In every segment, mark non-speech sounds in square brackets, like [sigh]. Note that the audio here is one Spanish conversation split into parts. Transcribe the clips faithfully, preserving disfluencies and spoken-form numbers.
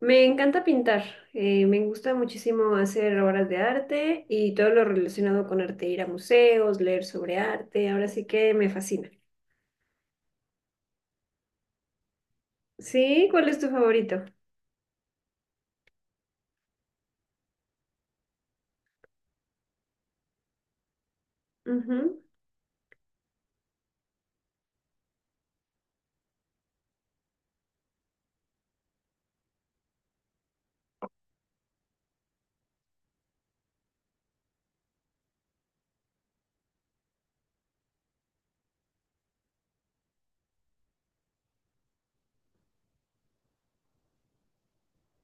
Me encanta pintar, eh, me gusta muchísimo hacer obras de arte y todo lo relacionado con arte, ir a museos, leer sobre arte, ahora sí que me fascina. ¿Sí? ¿Cuál es tu favorito? Ujú.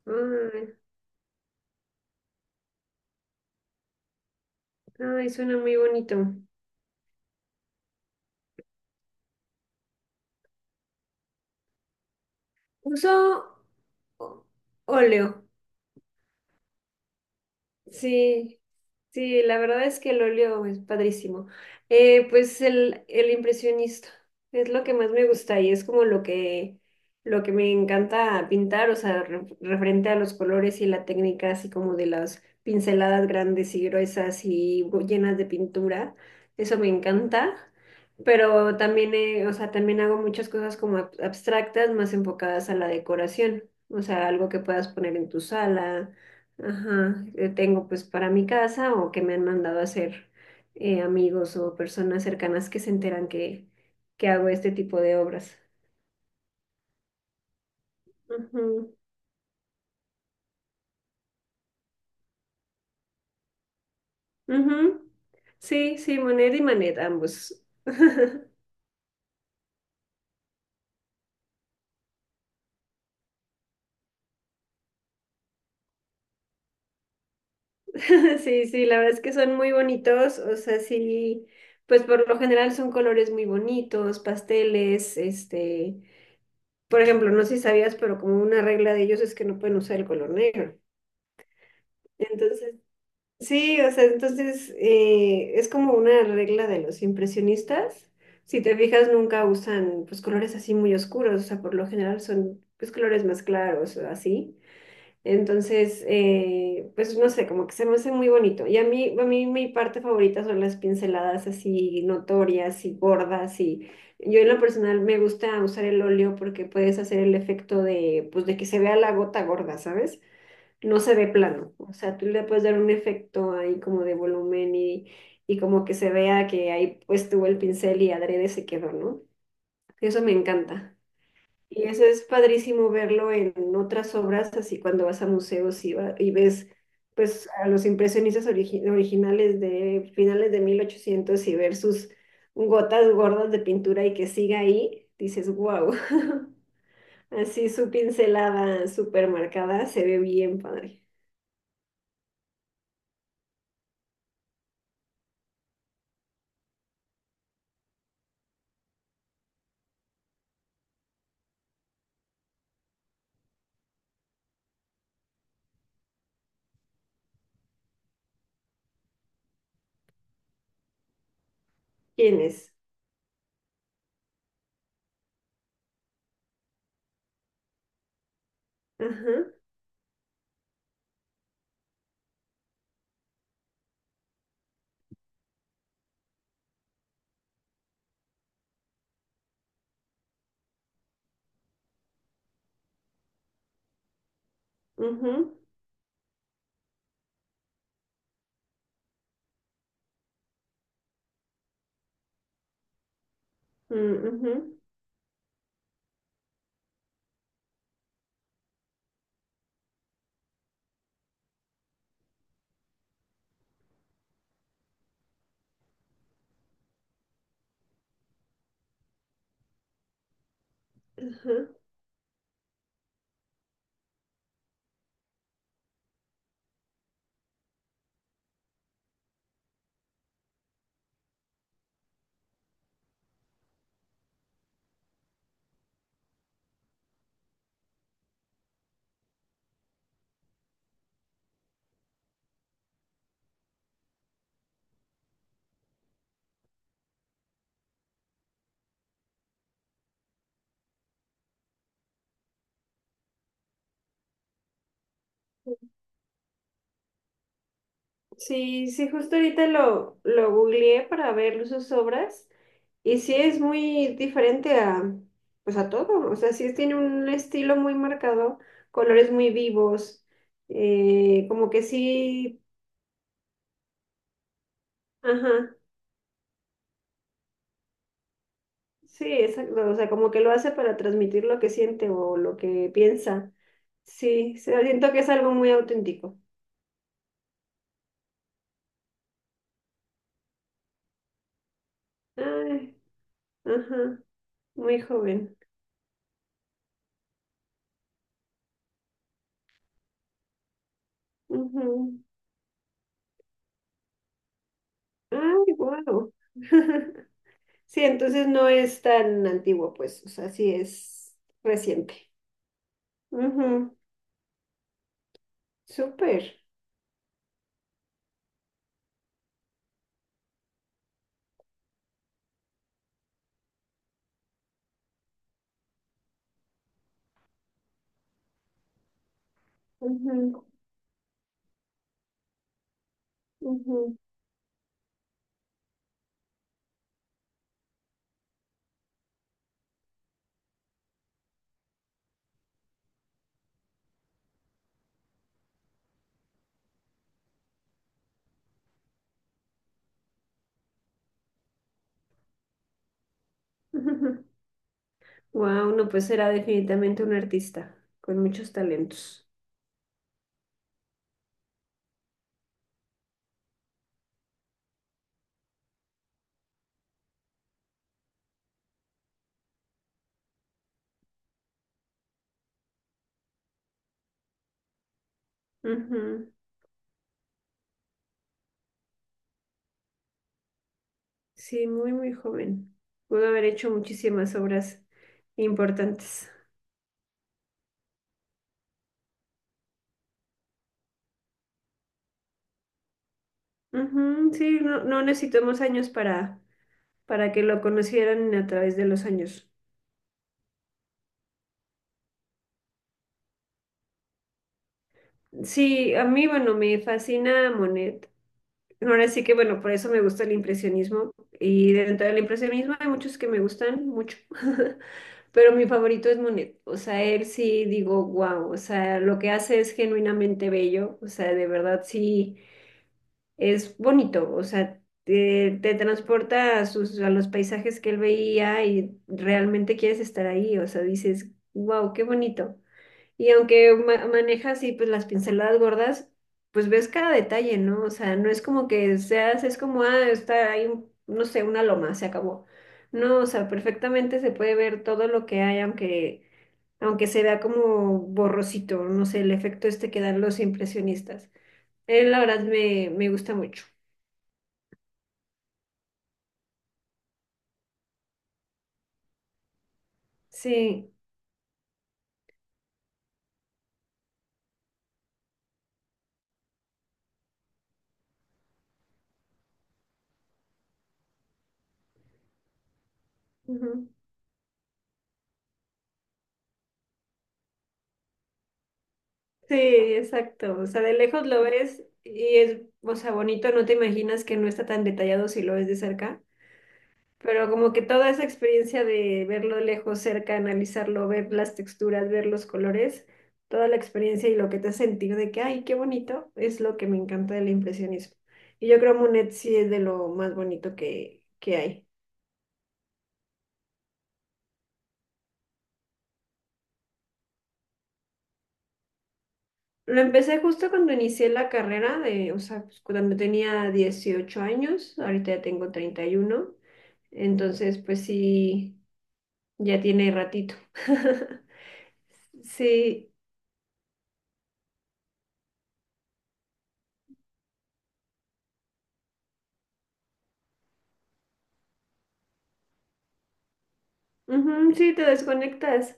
Ay, ay, suena muy bonito. Uso ó- óleo. Sí, sí, la verdad es que el óleo es padrísimo. Eh, pues el, el impresionista es lo que más me gusta y es como lo que, lo que me encanta pintar, o sea, re- referente a los colores y la técnica, así como de las pinceladas grandes y gruesas y gu- llenas de pintura. Eso me encanta. Pero también, eh, o sea, también hago muchas cosas como ab- abstractas, más enfocadas a la decoración. O sea, algo que puedas poner en tu sala. Ajá, eh, tengo pues para mi casa o que me han mandado a hacer, eh, amigos o personas cercanas que se enteran que, que hago este tipo de obras. Ujú, ujú. Sí, sí, Monet y Manet, ambos. [laughs] Sí, sí, la verdad es que son muy bonitos, o sea, sí, pues por lo general son colores muy bonitos, pasteles, este, por ejemplo, no sé si sabías, pero como una regla de ellos es que no pueden usar el color negro. Entonces, sí, o sea, entonces eh, es como una regla de los impresionistas. Si te fijas, nunca usan pues colores así muy oscuros, o sea, por lo general son pues colores más claros o así. Entonces, eh, pues no sé, como que se me hace muy bonito. Y a mí, a mí mi parte favorita son las pinceladas así notorias y gordas, y yo en lo personal me gusta usar el óleo porque puedes hacer el efecto de, pues, de que se vea la gota gorda, ¿sabes? No se ve plano. O sea, tú le puedes dar un efecto ahí como de volumen y, y como que se vea que ahí pues tuvo el pincel y adrede se quedó, ¿no? Eso me encanta. Y eso es padrísimo verlo en otras obras, así cuando vas a museos y, va- y ves pues a los impresionistas origi- originales de finales de mil ochocientos y ver sus gotas gordas de pintura y que siga ahí, dices, wow, [laughs] así su pincelada súper marcada se ve bien padre. ¿Quién es? Ajá. Ujú, mm, ujú, ujú. Sí, sí, justo ahorita lo, lo googleé para ver sus obras y sí es muy diferente a, pues a todo, o sea, sí tiene un estilo muy marcado, colores muy vivos, eh, como que sí, ajá, sí, exacto, o sea, como que lo hace para transmitir lo que siente o lo que piensa. Sí, sí, siento que es algo muy auténtico. Ay, ajá, muy joven. Ay, wow. [laughs] Sí, entonces no es tan antiguo, pues, o sea, sí es reciente. Ujú, súper. Wow. [laughs] No, pues era definitivamente un artista con muchos talentos. Ujú, sí, muy, muy joven. Pudo haber hecho muchísimas obras importantes. Ujú, sí, no, no necesitamos años para, para que lo conocieran a través de los años. Sí, a mí, bueno, me fascina Monet. Ahora sí que, bueno, por eso me gusta el impresionismo. Y dentro del impresionismo hay muchos que me gustan mucho. [laughs] Pero mi favorito es Monet. O sea, él sí digo, wow. O sea, lo que hace es genuinamente bello. O sea, de verdad sí es bonito. O sea, te, te transporta a, sus, a los paisajes que él veía y realmente quieres estar ahí. O sea, dices, wow, qué bonito. Y aunque ma- maneja así pues las pinceladas gordas, pues ves cada detalle, ¿no? O sea, no es como que seas, es como, ah, está ahí, un- no sé, una loma, se acabó. No, o sea, perfectamente se puede ver todo lo que hay, aunque, aunque se vea como borrosito, no sé, el efecto este que dan los impresionistas. Él, la verdad, me, me gusta mucho. Sí, ujú. Sí, exacto. O sea, de lejos lo ves y es, o sea, bonito, no te imaginas que no está tan detallado si lo ves de cerca. Pero como que toda esa experiencia de verlo lejos, cerca, analizarlo, ver las texturas, ver los colores, toda la experiencia y lo que te hace sentir de que, ay, qué bonito, es lo que me encanta del impresionismo. Y yo creo Monet sí es de lo más bonito que, que hay. Lo empecé justo cuando inicié la carrera, de, o sea, pues, cuando tenía dieciocho años, ahorita ya tengo treinta y uno, entonces pues sí, ya tiene ratito. [laughs] Sí, ujú, sí, te desconectas.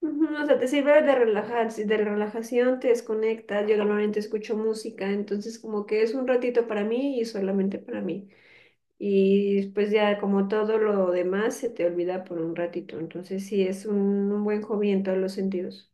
Ujú, o sea, te sirve de relajar, si de relajación te desconectas. Yo normalmente escucho música, entonces como que es un ratito para mí y solamente para mí. Y después ya como todo lo demás se te olvida por un ratito. Entonces sí es un, un buen hobby en todos los sentidos.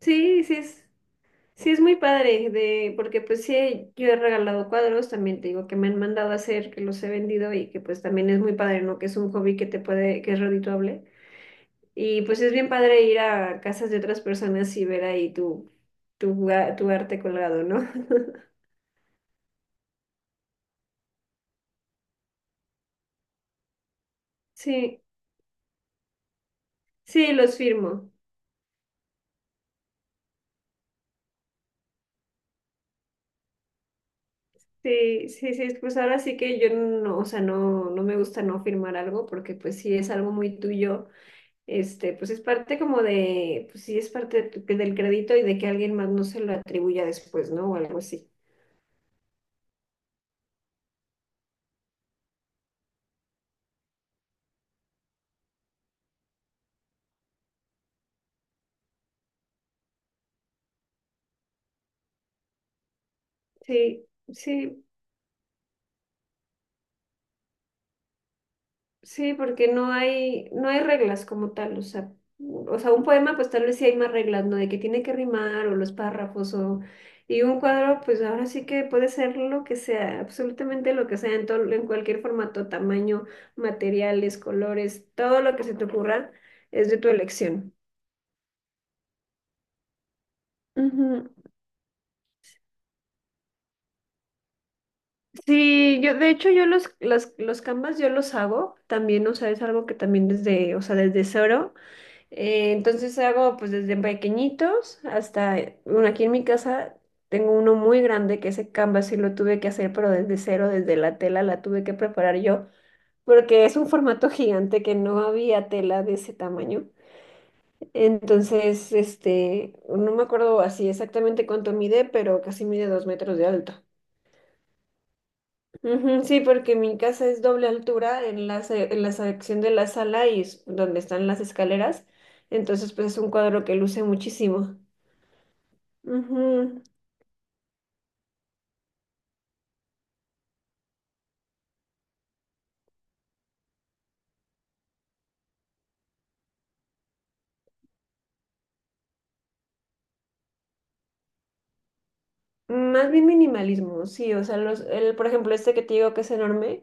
Sí, sí es, sí es muy padre de, porque pues sí, yo he regalado cuadros, también te digo que me han mandado a hacer, que los he vendido y que pues también es muy padre, ¿no? Que es un hobby que te puede, que es redituable. Y pues es bien padre ir a casas de otras personas y ver ahí tu, tu, a- tu arte colgado, ¿no? [laughs] Sí, sí, los firmo. Sí, sí, sí, pues ahora sí que yo no, o sea, no, no me gusta no firmar algo porque pues si es algo muy tuyo, este, pues es parte como de, pues sí es parte de tu- del crédito y de que alguien más no se lo atribuya después, ¿no? O algo así. Sí, sí. Sí, porque no hay, no hay reglas como tal, o sea, o sea, un poema pues tal vez sí hay más reglas, ¿no? De que tiene que rimar o los párrafos o... Y un cuadro pues ahora sí que puede ser lo que sea, absolutamente lo que sea, en todo, en cualquier formato, tamaño, materiales, colores, todo lo que se te ocurra es de tu elección. Ujú. Sí, yo de hecho yo los, los, los canvas yo los hago también, o sea, es algo que también desde, o sea, desde cero. Eh, entonces hago pues desde pequeñitos hasta, bueno, aquí en mi casa tengo uno muy grande que ese canvas sí lo tuve que hacer, pero desde cero, desde la tela la tuve que preparar yo, porque es un formato gigante que no había tela de ese tamaño. Entonces, este, no me acuerdo así exactamente cuánto mide, pero casi mide dos metros de alto. Ujú, sí, porque mi casa es doble altura en la, se- en la sección de la sala y es donde están las escaleras. Entonces, pues es un cuadro que luce muchísimo. Ujú. Más bien minimalismo, sí, o sea, los, el, por ejemplo, este que te digo que es enorme,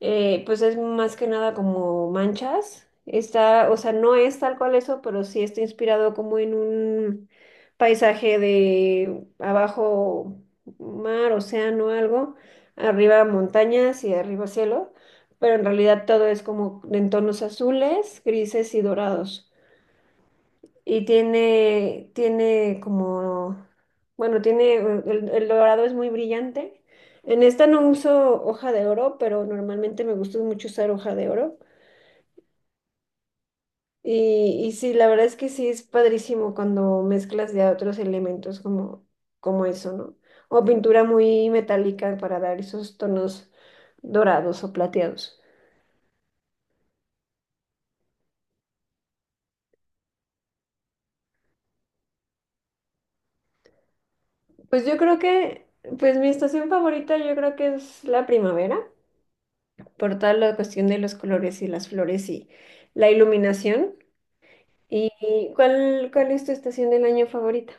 eh, pues es más que nada como manchas, está, o sea, no es tal cual eso, pero sí está inspirado como en un paisaje de abajo mar, océano, algo, arriba montañas y arriba cielo, pero en realidad todo es como en tonos azules, grises y dorados. Y tiene, tiene como, bueno, tiene, el, el dorado es muy brillante. En esta no uso hoja de oro, pero normalmente me gusta mucho usar hoja de oro. Y, y sí, la verdad es que sí es padrísimo cuando mezclas ya otros elementos como, como eso, ¿no? O pintura muy metálica para dar esos tonos dorados o plateados. Pues yo creo que, pues mi estación favorita yo creo que es la primavera, por toda la cuestión de los colores y las flores y la iluminación. ¿Y cuál, cuál es tu estación del año favorita?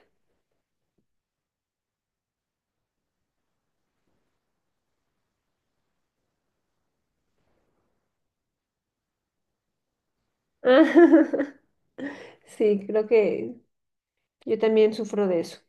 [laughs] Sí, creo que yo también sufro de eso.